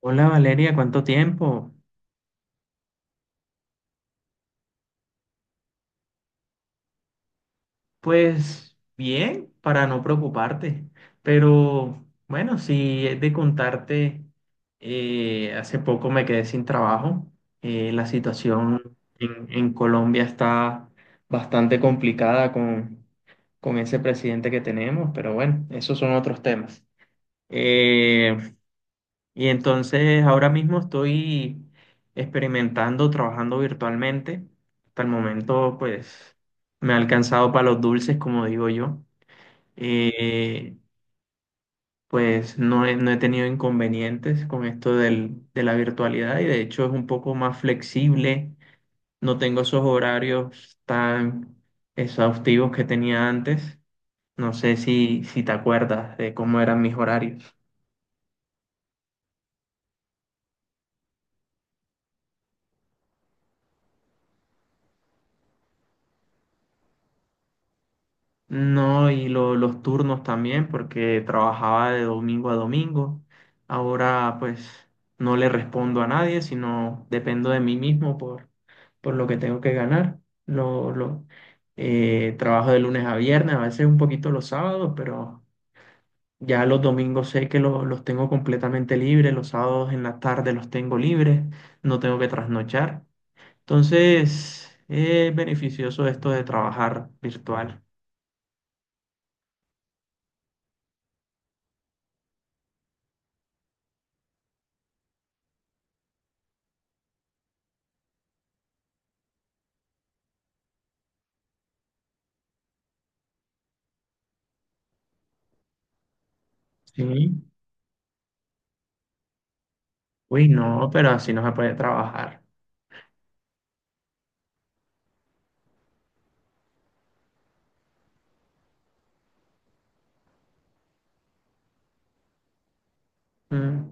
Hola Valeria, ¿cuánto tiempo? Pues bien, para no preocuparte, pero bueno, si es de contarte, hace poco me quedé sin trabajo. La situación en Colombia está bastante complicada con ese presidente que tenemos, pero bueno, esos son otros temas. Eh, Y entonces ahora mismo estoy experimentando, trabajando virtualmente. Hasta el momento, pues, me ha alcanzado para los dulces, como digo yo. Eh, pues no he tenido inconvenientes con esto de la virtualidad y de hecho es un poco más flexible. No tengo esos horarios tan exhaustivos que tenía antes. No sé si te acuerdas de cómo eran mis horarios. No, y los turnos también, porque trabajaba de domingo a domingo. Ahora pues no le respondo a nadie, sino dependo de mí mismo por lo que tengo que ganar. Lo, lo, Trabajo de lunes a viernes, a veces un poquito los sábados, pero ya los domingos sé que los tengo completamente libres, los sábados en la tarde los tengo libres, no tengo que trasnochar. Entonces, es beneficioso esto de trabajar virtual. Sí. Uy, no, pero así no se puede trabajar. Mm.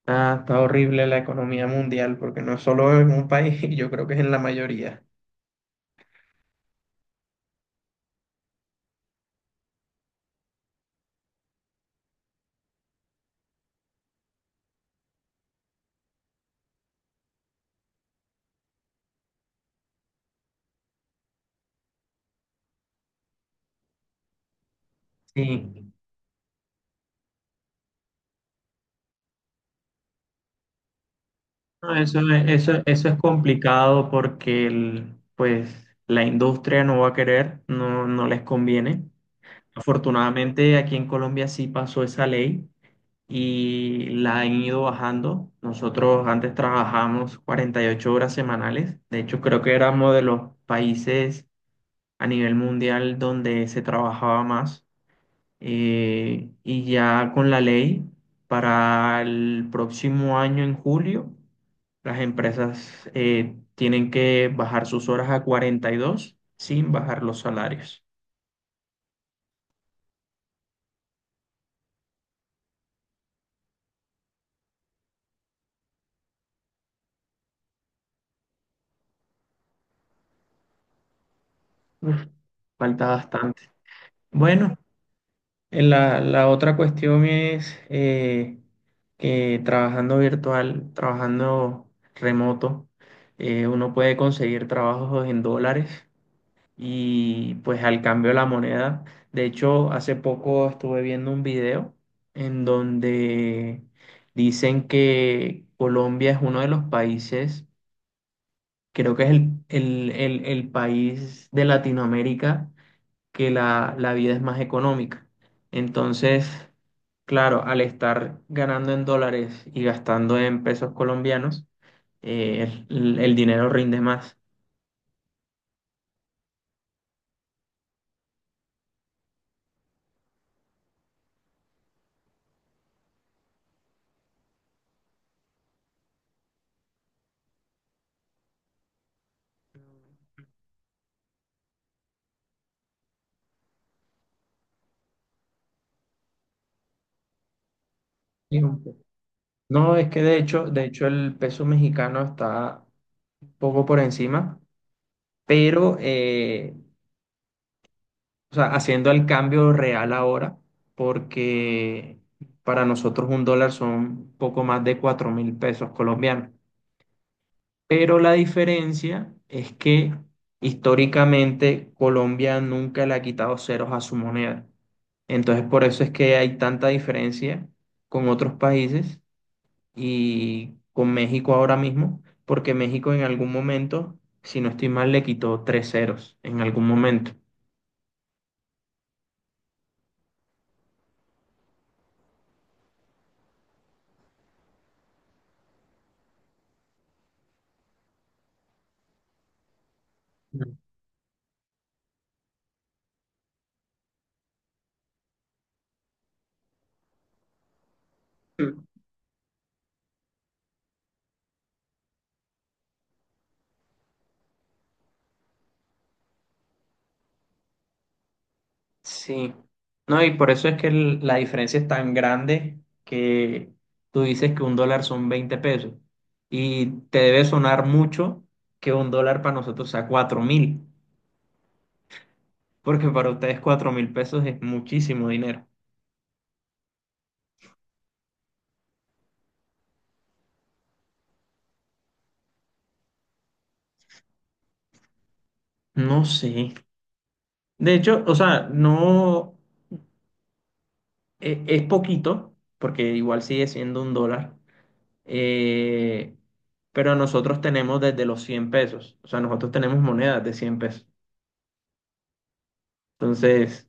Está horrible la economía mundial, porque no es solo en un país, yo creo que es en la mayoría. Sí. No, eso, eso es complicado porque pues, la industria no va a querer, no les conviene. Afortunadamente aquí en Colombia sí pasó esa ley y la han ido bajando. Nosotros antes trabajamos 48 horas semanales. De hecho, creo que éramos de los países a nivel mundial donde se trabajaba más, y ya con la ley para el próximo año en julio las empresas tienen que bajar sus horas a 42 sin bajar los salarios. Uf, falta bastante. Bueno, en la otra cuestión es que trabajando virtual, trabajando remoto, uno puede conseguir trabajos en dólares y pues al cambio de la moneda. De hecho, hace poco estuve viendo un video en donde dicen que Colombia es uno de los países, creo que es el país de Latinoamérica que la vida es más económica. Entonces, claro, al estar ganando en dólares y gastando en pesos colombianos, el dinero rinde más. Sí. No, es que de hecho el peso mexicano está poco por encima, pero o sea, haciendo el cambio real ahora, porque para nosotros un dólar son poco más de 4.000 pesos colombianos. Pero la diferencia es que históricamente Colombia nunca le ha quitado ceros a su moneda. Entonces, por eso es que hay tanta diferencia con otros países y con México ahora mismo, porque México en algún momento, si no estoy mal, le quitó tres ceros en algún momento. Mm. Mm. Sí, no, y por eso es que la diferencia es tan grande que tú dices que un dólar son 20 pesos y te debe sonar mucho que un dólar para nosotros sea 4.000, porque para ustedes 4.000 pesos es muchísimo dinero. No sé. De hecho, o sea, no. Es poquito, porque igual sigue siendo un dólar, eh, pero nosotros tenemos desde los 100 pesos, o sea, nosotros tenemos monedas de 100 pesos. Entonces,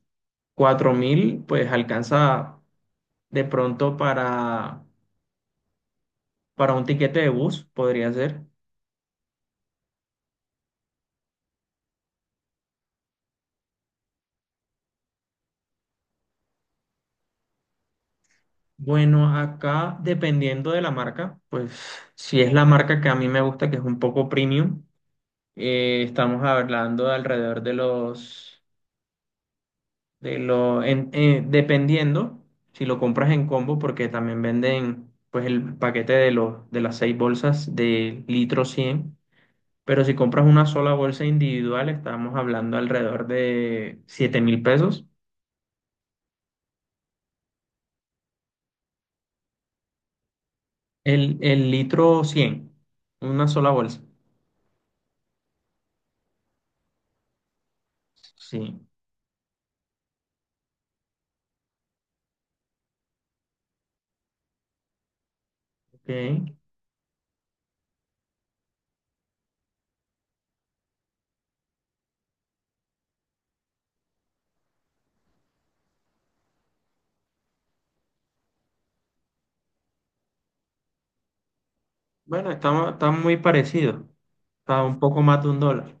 4.000, pues alcanza de pronto para un tiquete de bus, podría ser. Bueno, acá dependiendo de la marca, pues si es la marca que a mí me gusta, que es un poco premium, estamos hablando de alrededor de los dependiendo si lo compras en combo, porque también venden pues el paquete de las seis bolsas de litro cien, pero si compras una sola bolsa individual, estamos hablando alrededor de 7.000 pesos. El litro cien, una sola bolsa. Sí, ok. Bueno, está muy parecido. Está un poco más de un dólar.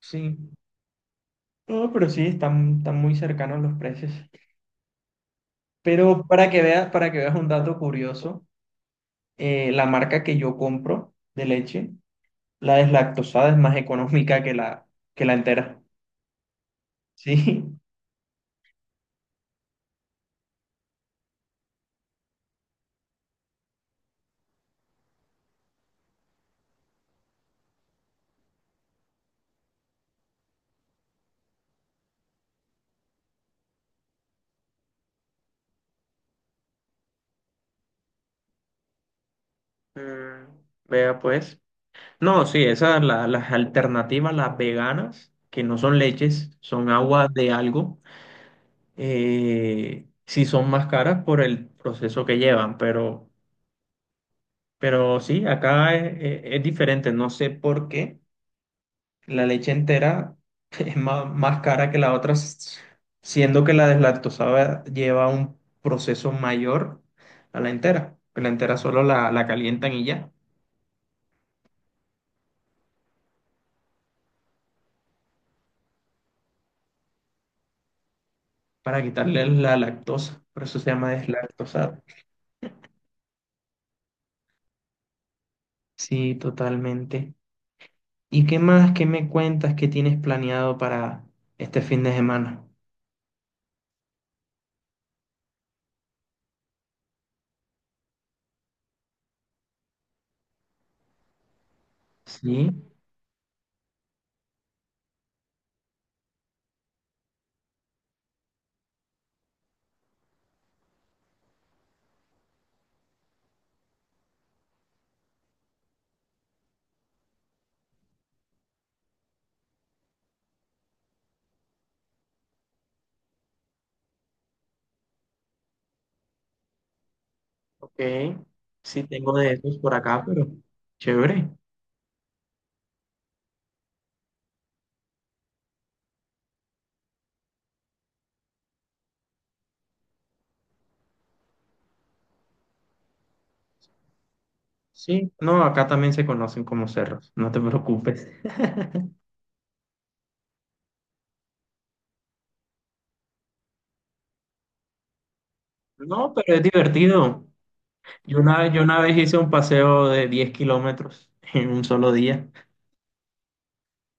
Sí. No, pero sí, están muy cercanos los precios. Pero para que veas un dato curioso, la marca que yo compro de leche, la deslactosada es más económica que la entera. Sí. Mm, vea pues. No, sí, esas las alternativas, las veganas, que no son leches, son aguas de algo, sí son más caras por el proceso que llevan, pero, sí, acá es diferente, no sé por qué. La leche entera es más cara que la otra, siendo que la deslactosada lleva un proceso mayor a la entera. Que la entera solo la calientan y ya, para quitarle la lactosa. Por eso se llama deslactosada. Sí, totalmente. ¿Y qué más? ¿Qué me cuentas? ¿Qué tienes planeado para este fin de semana? Sí, ok. Sí, tengo de esos por acá, pero chévere. Sí, no, acá también se conocen como cerros, no te preocupes. No, pero es divertido. Yo una vez hice un paseo de 10 km en un solo día.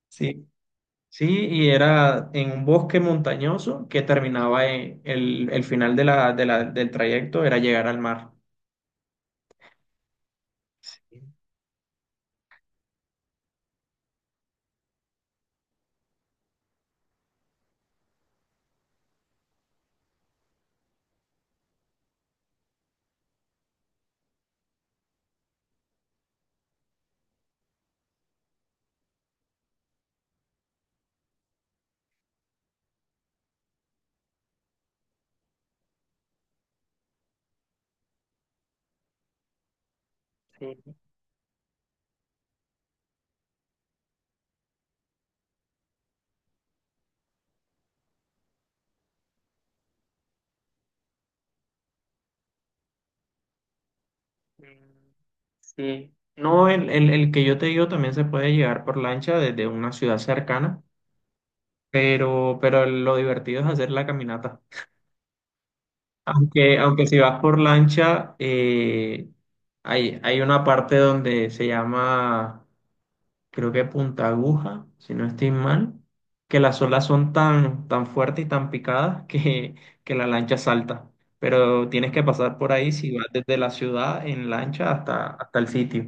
Sí. Sí, y era en un bosque montañoso que terminaba en el final del trayecto, era llegar al mar. Sí, sí, mm, sí. No, el que yo te digo también se puede llegar por lancha desde una ciudad cercana, pero, lo divertido es hacer la caminata. Aunque si vas por lancha, hay una parte donde se llama, creo que Punta Aguja, si no estoy mal, que las olas son tan, tan fuertes y tan picadas que la lancha salta. Pero tienes que pasar por ahí si vas desde la ciudad en lancha hasta el sitio.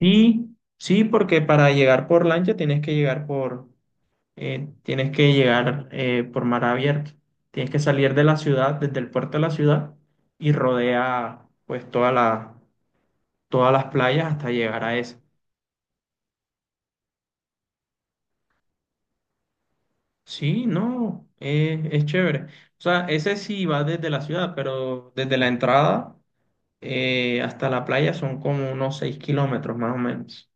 Sí, sí, porque para llegar por lancha tienes que llegar por mar abierto. Tienes que salir de la ciudad, desde el puerto de la ciudad, y rodea pues todas las playas hasta llegar a esa. Sí, no, es chévere. O sea, ese sí va desde la ciudad, pero desde la entrada hasta la playa son como unos 6 km más o menos.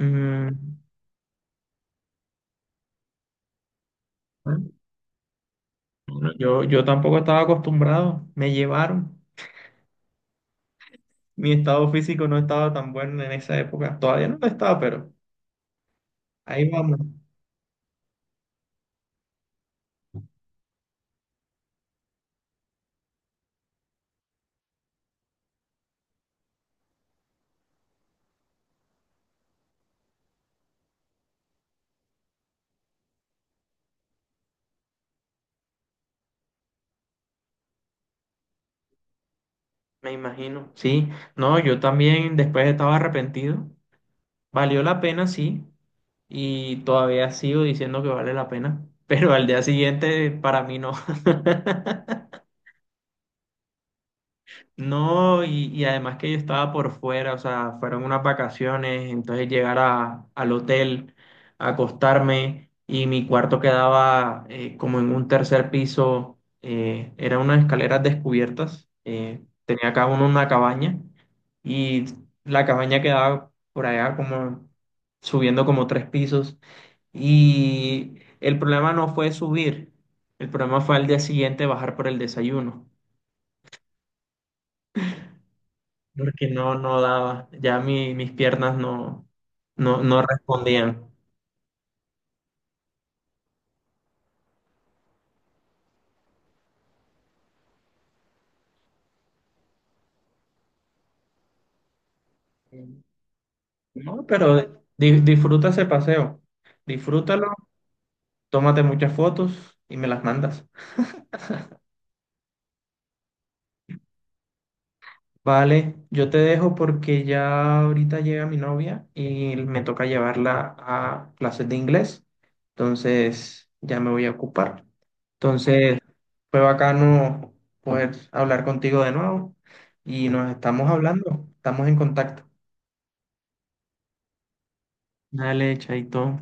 Mm, bueno, bueno, yo tampoco estaba acostumbrado, me llevaron. Mi estado físico no estaba tan bueno en esa época. Todavía no lo estaba, pero ahí vamos. Me imagino, sí. No, yo también después estaba arrepentido. Valió la pena, sí. Y todavía sigo diciendo que vale la pena. Pero al día siguiente, para mí no. No, y además que yo estaba por fuera, o sea, fueron unas vacaciones, entonces llegar al hotel, acostarme, y mi cuarto quedaba como en un tercer piso, eran unas escaleras descubiertas, tenía cada uno una cabaña, y la cabaña quedaba por allá como subiendo como tres pisos, y el problema no fue subir, el problema fue al día siguiente bajar por el desayuno. Porque no daba, ya mis piernas no respondían. No, pero disfruta ese paseo, disfrútalo, tómate muchas fotos y me las mandas. Vale, yo te dejo porque ya ahorita llega mi novia y me toca llevarla a clases de inglés, entonces ya me voy a ocupar. Entonces fue bacano poder hablar contigo de nuevo, y nos estamos hablando, estamos en contacto. Dale, chaito.